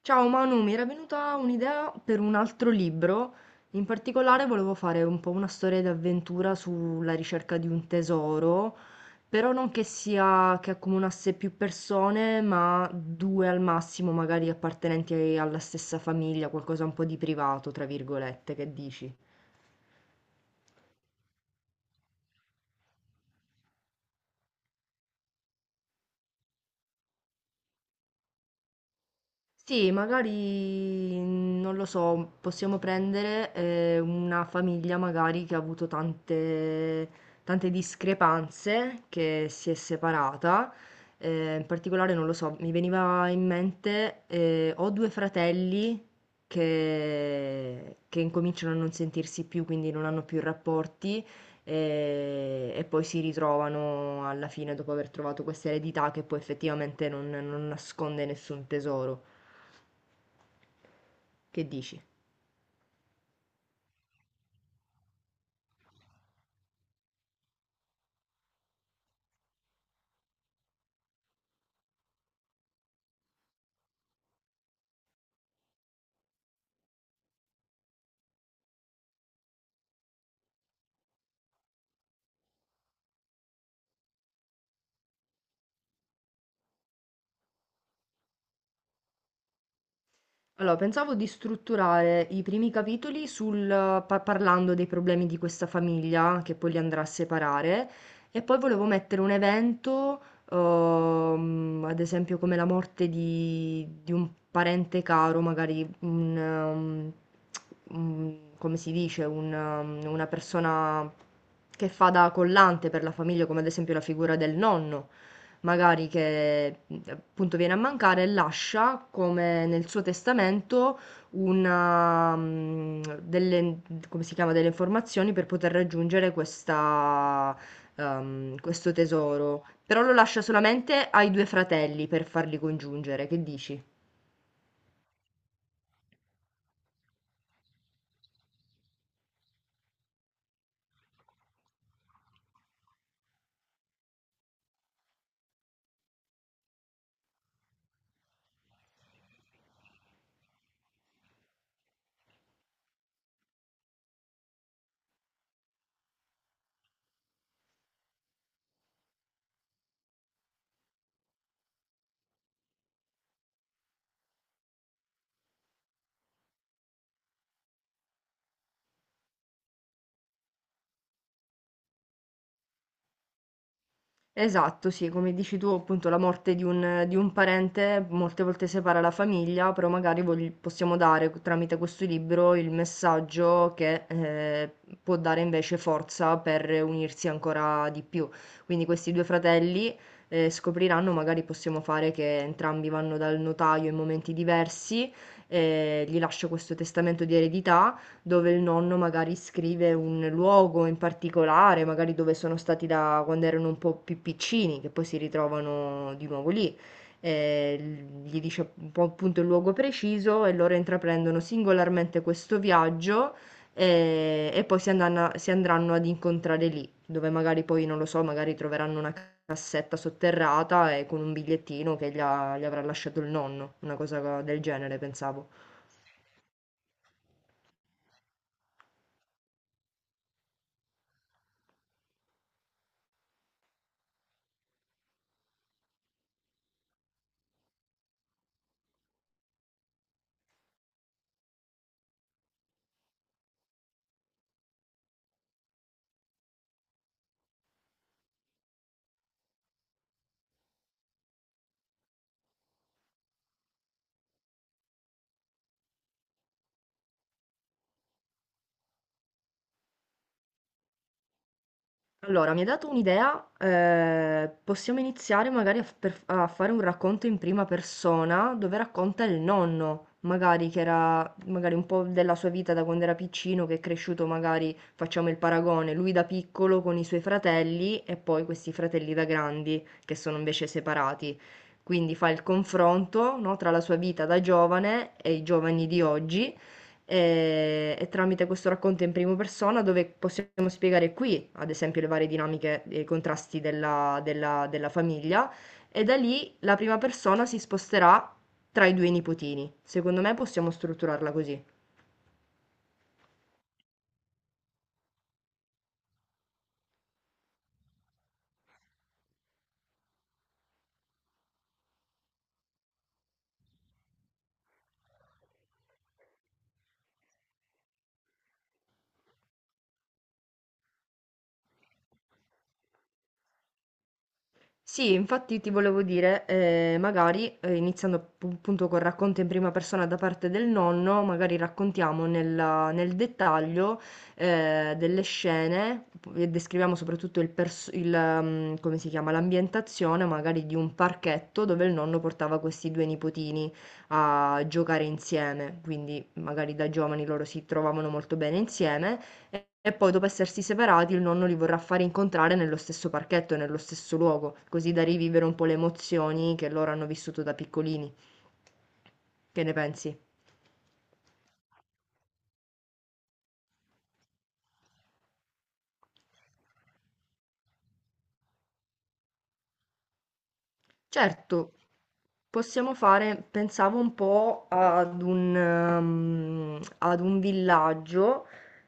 Ciao Manu, mi era venuta un'idea per un altro libro. In particolare volevo fare un po' una storia d'avventura sulla ricerca di un tesoro, però non che accomunasse più persone, ma due al massimo, magari appartenenti alla stessa famiglia, qualcosa un po' di privato, tra virgolette, che dici? Sì, magari non lo so, possiamo prendere una famiglia magari che ha avuto tante discrepanze, che si è separata. In particolare, non lo so, mi veniva in mente, ho due fratelli che incominciano a non sentirsi più, quindi non hanno più rapporti. E poi si ritrovano alla fine dopo aver trovato questa eredità che poi effettivamente non nasconde nessun tesoro. Che dici? Allora, pensavo di strutturare i primi capitoli sul, parlando dei problemi di questa famiglia, che poi li andrà a separare, e poi volevo mettere un evento, ad esempio come la morte di un parente caro, magari come si dice, una persona che fa da collante per la famiglia, come ad esempio la figura del nonno. Magari che appunto viene a mancare, lascia come nel suo testamento una, delle, come si chiama, delle informazioni per poter raggiungere questa, questo tesoro. Però lo lascia solamente ai due fratelli per farli congiungere, che dici? Esatto, sì, come dici tu, appunto, la morte di un parente molte volte separa la famiglia, però magari possiamo dare tramite questo libro il messaggio che può dare invece forza per unirsi ancora di più. Quindi questi due fratelli scopriranno, magari possiamo fare che entrambi vanno dal notaio in momenti diversi, gli lascia questo testamento di eredità dove il nonno magari scrive un luogo in particolare, magari dove sono stati da quando erano un po' più piccini, che poi si ritrovano di nuovo lì. Gli dice un po' appunto il luogo preciso e loro intraprendono singolarmente questo viaggio e poi si andranno ad incontrare lì, dove magari poi, non lo so, magari troveranno una cassetta sotterrata e con un bigliettino che gli avrà lasciato il nonno, una cosa del genere, pensavo. Allora, mi hai dato un'idea, possiamo iniziare magari a fare un racconto in prima persona dove racconta il nonno, magari che era magari un po' della sua vita da quando era piccino, che è cresciuto magari, facciamo il paragone, lui da piccolo con i suoi fratelli e poi questi fratelli da grandi che sono invece separati. Quindi fa il confronto, no, tra la sua vita da giovane e i giovani di oggi e tramite questo racconto in prima persona dove possiamo spiegare qui, ad esempio, le varie dinamiche e i contrasti della famiglia e da lì la prima persona si sposterà tra i due nipotini. Secondo me possiamo strutturarla così. Sì, infatti ti volevo dire, magari iniziando appunto col racconto in prima persona da parte del nonno, magari raccontiamo nel dettaglio delle scene e descriviamo soprattutto il, pers- il, mm, come si chiama, l'ambientazione magari di un parchetto dove il nonno portava questi due nipotini a giocare insieme, quindi magari da giovani loro si trovavano molto bene insieme e poi dopo essersi separati il nonno li vorrà fare incontrare nello stesso parchetto e nello stesso luogo, così da rivivere un po' le emozioni che loro hanno vissuto da piccolini. Che ne pensi? Certo, possiamo fare, pensavo un po' ad ad un villaggio,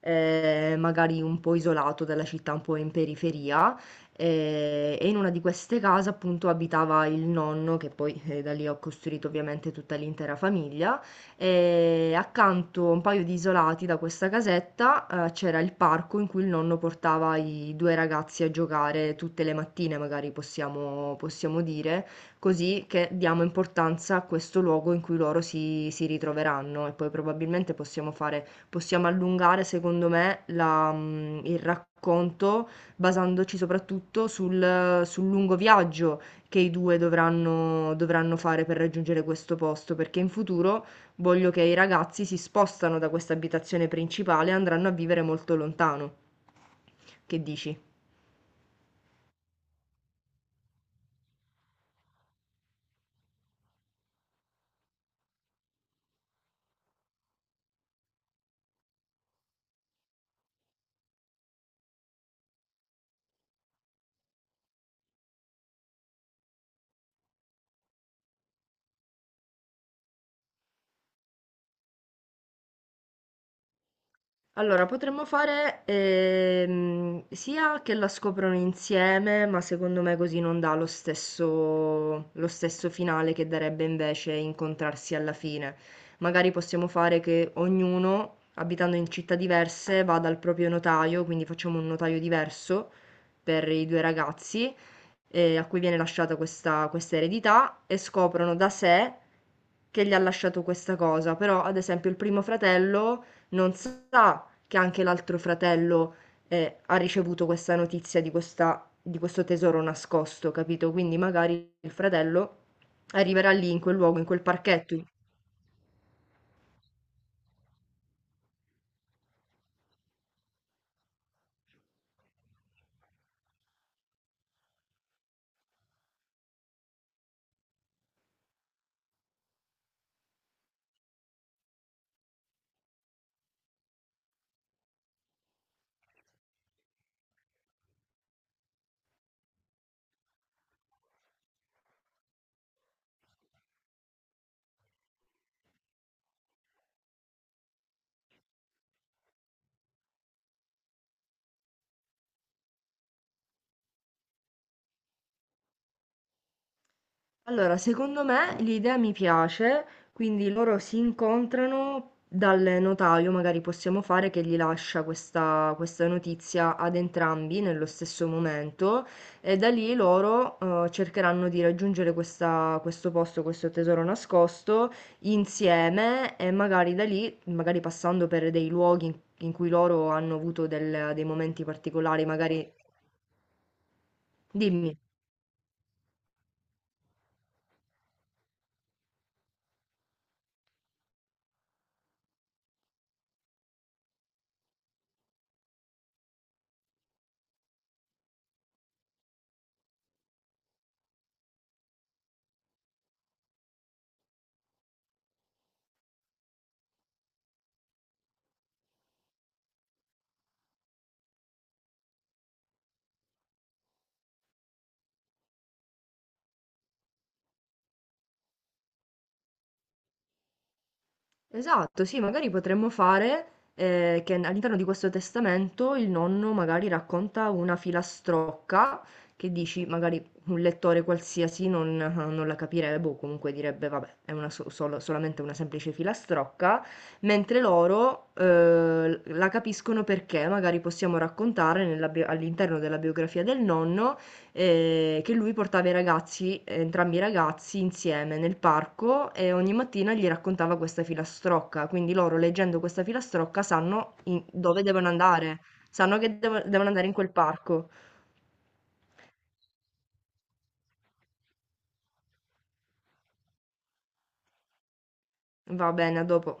magari un po' isolato dalla città, un po' in periferia, e in una di queste case appunto abitava il nonno, che poi da lì ho costruito ovviamente tutta l'intera famiglia, e accanto a un paio di isolati da questa casetta, c'era il parco in cui il nonno portava i due ragazzi a giocare tutte le mattine, magari possiamo dire. Così che diamo importanza a questo luogo in cui loro si ritroveranno e poi probabilmente possiamo allungare secondo me la il racconto basandoci soprattutto sul lungo viaggio che i 2 dovranno fare per raggiungere questo posto, perché in futuro voglio che i ragazzi si spostano da questa abitazione principale e andranno a vivere molto lontano. Che dici? Allora, potremmo fare sia che la scoprono insieme, ma secondo me così non dà lo stesso finale che darebbe invece incontrarsi alla fine. Magari possiamo fare che ognuno, abitando in città diverse, vada al proprio notaio, quindi facciamo un notaio diverso per i due ragazzi, a cui viene lasciata questa eredità, e scoprono da sé che gli ha lasciato questa cosa. Però, ad esempio, il primo fratello non sa che anche l'altro fratello ha ricevuto questa notizia di di questo tesoro nascosto, capito? Quindi magari il fratello arriverà lì in quel luogo, in quel parchetto, allora, secondo me l'idea mi piace, quindi loro si incontrano dal notaio, magari possiamo fare che gli lascia questa, questa notizia ad entrambi nello stesso momento e da lì loro cercheranno di raggiungere questo posto, questo tesoro nascosto insieme e magari da lì, magari passando per dei luoghi in, in cui loro hanno avuto dei momenti particolari, magari... Dimmi. Esatto, sì, magari potremmo fare che all'interno di questo testamento il nonno magari racconta una filastrocca che dici, magari un lettore qualsiasi non la capirebbe o comunque direbbe, vabbè, è una solamente una semplice filastrocca, mentre loro la capiscono perché magari possiamo raccontare all'interno della biografia del nonno che lui portava i ragazzi entrambi i ragazzi insieme nel parco e ogni mattina gli raccontava questa filastrocca, quindi loro leggendo questa filastrocca sanno dove devono andare, sanno che devono andare in quel parco. Va bene, a dopo.